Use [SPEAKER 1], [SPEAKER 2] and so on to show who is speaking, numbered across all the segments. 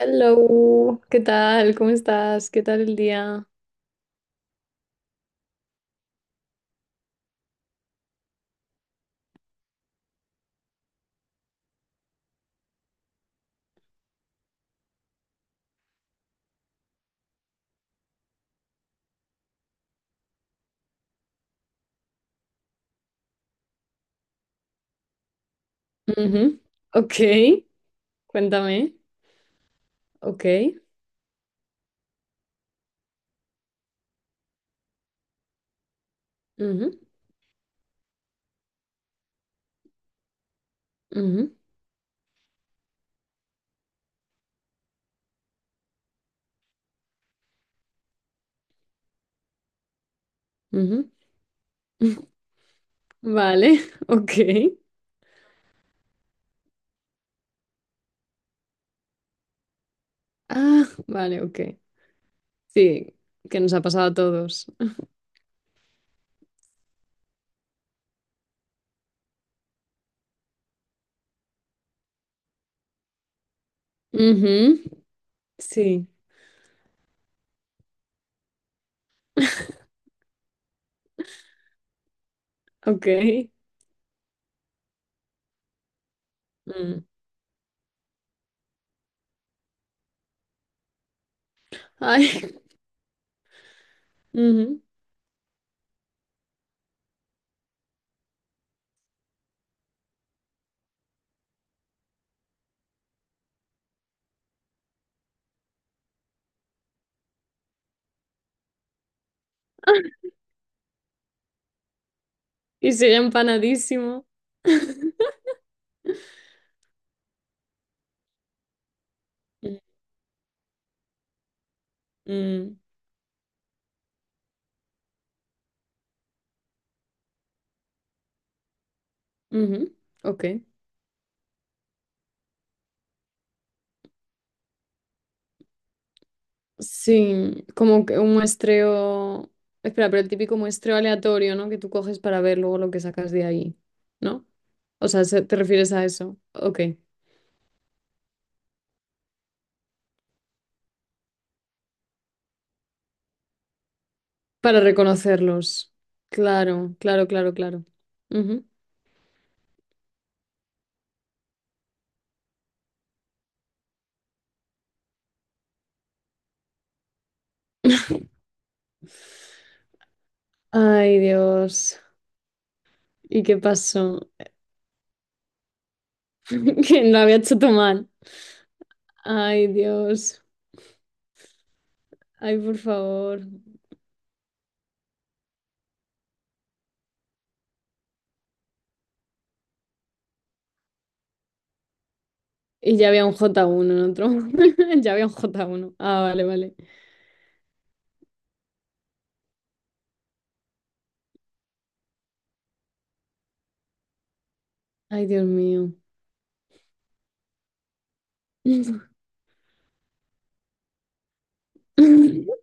[SPEAKER 1] Hello, ¿qué tal? ¿Cómo estás? ¿Qué tal el día? Ujú, Ok, cuéntame. Ok. ujú, ujú, ujú. Vale, ok. Ah, vale, ok. Sí, que nos ha pasado a todos. Ujú, Sí, ok. mm. Ay, ujú. Y sigue empanadísimo. Mm, mm, ujú, Ok. Sí, como que un muestreo. Espera, pero el típico muestreo aleatorio, ¿no? Que tú coges para ver luego lo que sacas de ahí, ¿no? O sea, ¿te refieres a eso? Ok. Para reconocerlos. Claro, claro, claro, claro. Ujú. Ay, Dios. ¿Y qué pasó? Que lo había hecho todo mal. Ay, Dios. Ay, por favor. Y ya había un j uno en otro. Ya había un j uno Ah, vale, vale. Ay, Dios mío.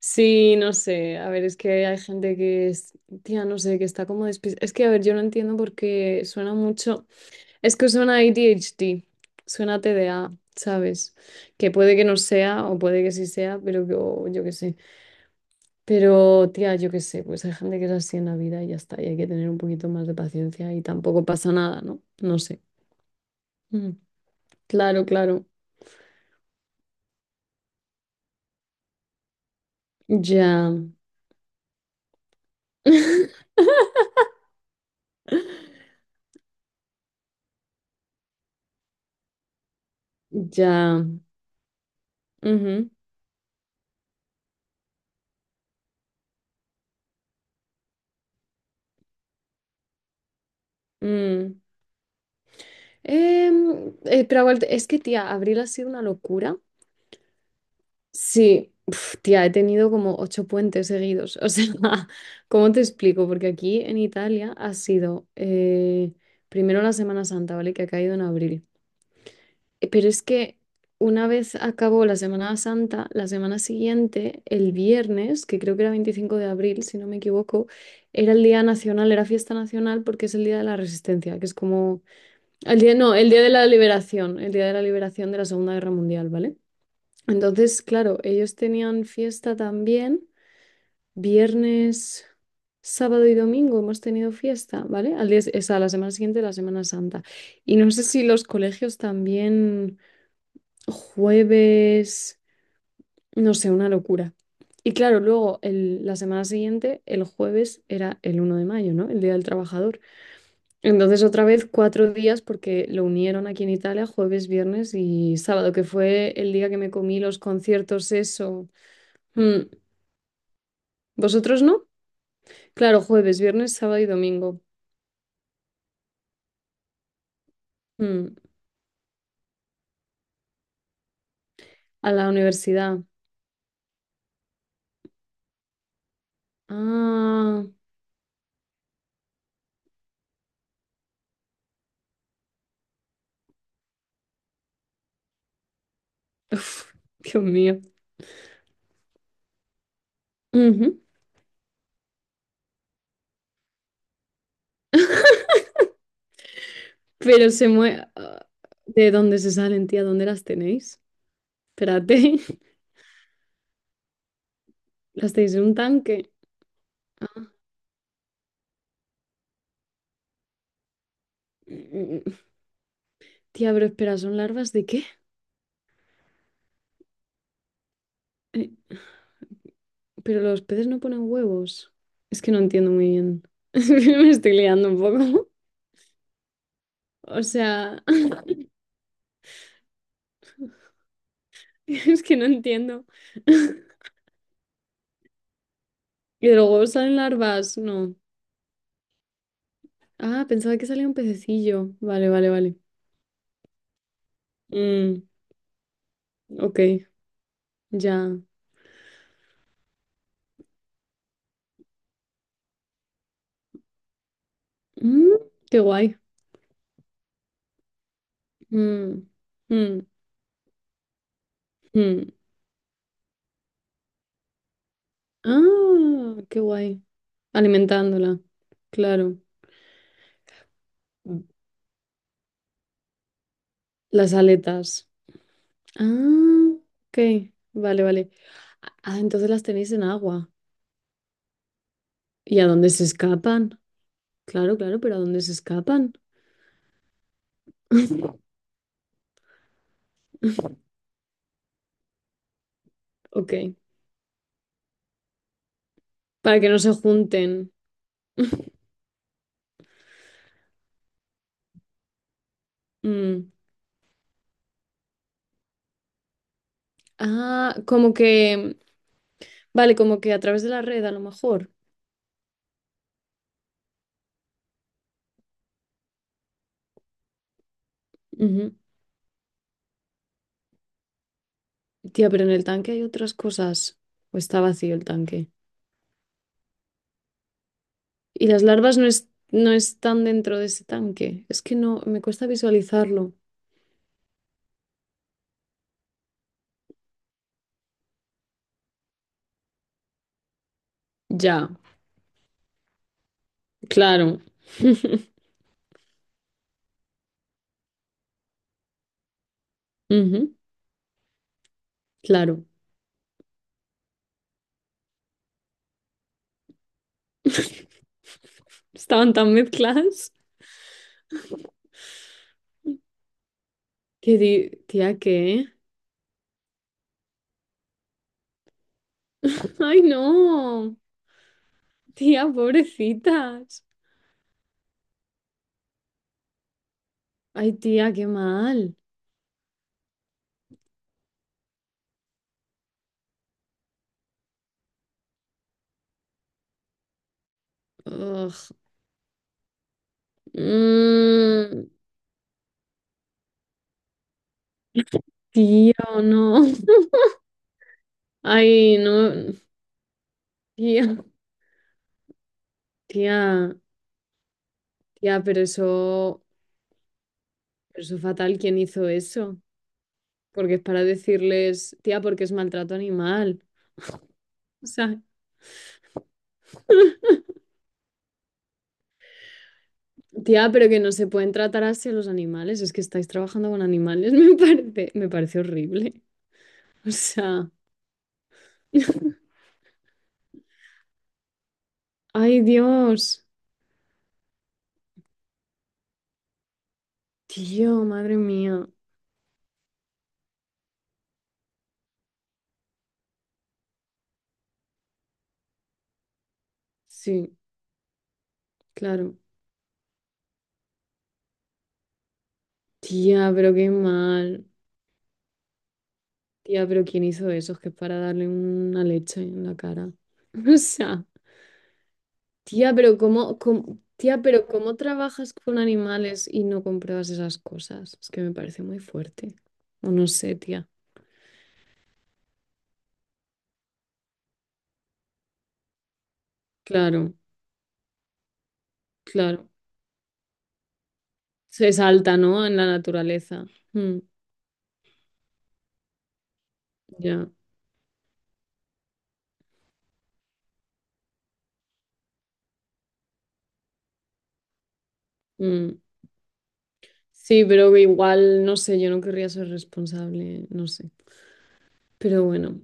[SPEAKER 1] Sí, no sé. A ver, es que hay gente que es, tía, no sé, que está como despistada. Es que, a ver, yo no entiendo por qué suena mucho. Es que suena A D H ADHD, suena TDA. ¿Sabes? Que puede que no sea, o puede que sí sea, pero o yo qué sé. Pero, tía, yo qué sé, pues hay gente que es así en la vida y ya está. Y hay que tener un poquito más de paciencia y tampoco pasa nada, ¿no? No sé. Mm, Claro, claro. Ya. Ya. Ujú, mm. Pero es que, tía, abril ha sido una locura. Sí, uf, tía, he tenido como ocho puentes seguidos. O sea, ¿cómo te explico? Porque aquí en Italia ha sido primero la Semana Santa, ¿vale? Que ha caído en abril. Pero es que una vez acabó la Semana Santa, la semana siguiente, el viernes, que creo que era 25 de abril, si no me equivoco, era el día nacional, era fiesta nacional porque es el día de la Resistencia, que es como el día, no, el día de la liberación, el día de la liberación de la Segunda Guerra Mundial, ¿vale? Entonces, claro, ellos tenían fiesta también, viernes, sábado y domingo hemos tenido fiesta, ¿vale? Al día, es a la semana siguiente, la Semana Santa. Y no sé si los colegios también, jueves, no sé, una locura. Y claro, luego la semana siguiente, el jueves era el 1 de mayo, ¿no? El Día del Trabajador. Entonces otra vez cuatro días porque lo unieron aquí en Italia, jueves, viernes y sábado, que fue el día que me comí los conciertos, eso. Mm. ¿Vosotros no? Claro, jueves, viernes, sábado y domingo. Mm. A la universidad. Ah, Uf, Dios mío. Ujú. Pero se mueve... ¿De dónde se salen, tía? ¿Dónde las tenéis? Espérate, las tenéis en un tanque. Mm, mm, mm. Tía, pero espera, ¿son larvas de qué? Eh, Pero los peces no ponen huevos. Es que no entiendo muy bien. Me estoy liando un poco. O sea, es que no entiendo. ¿Y de los huevos salen larvas? No. Ah, pensaba que salía un pececillo. Vale, vale, vale. Mm, ok, ya. Mm, qué guay. Mm, mm, mm. Ah, qué guay. Alimentándola. Claro. Las aletas. Ah, ok. Vale, vale. Ah, entonces las tenéis en agua. ¿Y a dónde se escapan? Claro, claro, pero ¿a dónde se escapan? Ok, para que no se junten. Mm. Ah, como que, vale, como que a través de la red a lo mejor. Ujú. Tía, pero en el tanque hay otras cosas. O está vacío el tanque. Y las larvas no, no están dentro de ese tanque. Es que no, me cuesta visualizarlo. Ya, claro. Ujú, Claro. Estaban tan mezcladas. ¿Qué, tía, qué? Ay, no. Tía, pobrecitas. Ay, tía, qué mal. Ugh. Mm, tía, no. Ay, no. Tía, tía, tía, pero eso fatal, ¿quién hizo eso? Porque es para decirles, tía, porque es maltrato animal. O sea, tía, pero que no se pueden tratar así a los animales. Es que estáis trabajando con animales, me parece horrible. O sea, ay Dios, tío, madre mía. Sí, claro. Tía, pero qué mal. Tía, pero ¿quién hizo eso? Es que es para darle una leche en la cara. O sea, tía, pero tía, pero ¿cómo trabajas con animales y no compruebas esas cosas? Es que me parece muy fuerte. O no sé, tía. Claro, claro. Se salta, ¿no? En la naturaleza. Mm, ya. Mm. Sí, pero que igual, no sé, yo no querría ser responsable, no sé. Pero bueno,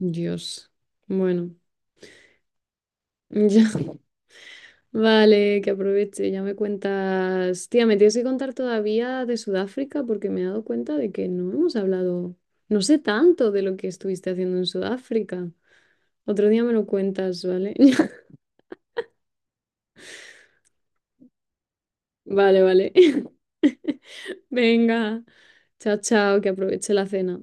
[SPEAKER 1] Dios. Bueno, ya. Vale, que aproveche, ya me cuentas. Tía, me tienes que contar todavía de Sudáfrica porque me he dado cuenta de que no hemos hablado, no sé tanto de lo que estuviste haciendo en Sudáfrica. Otro día me lo cuentas, ¿vale? Vale, vale. Venga, chao, chao, que aproveche la cena.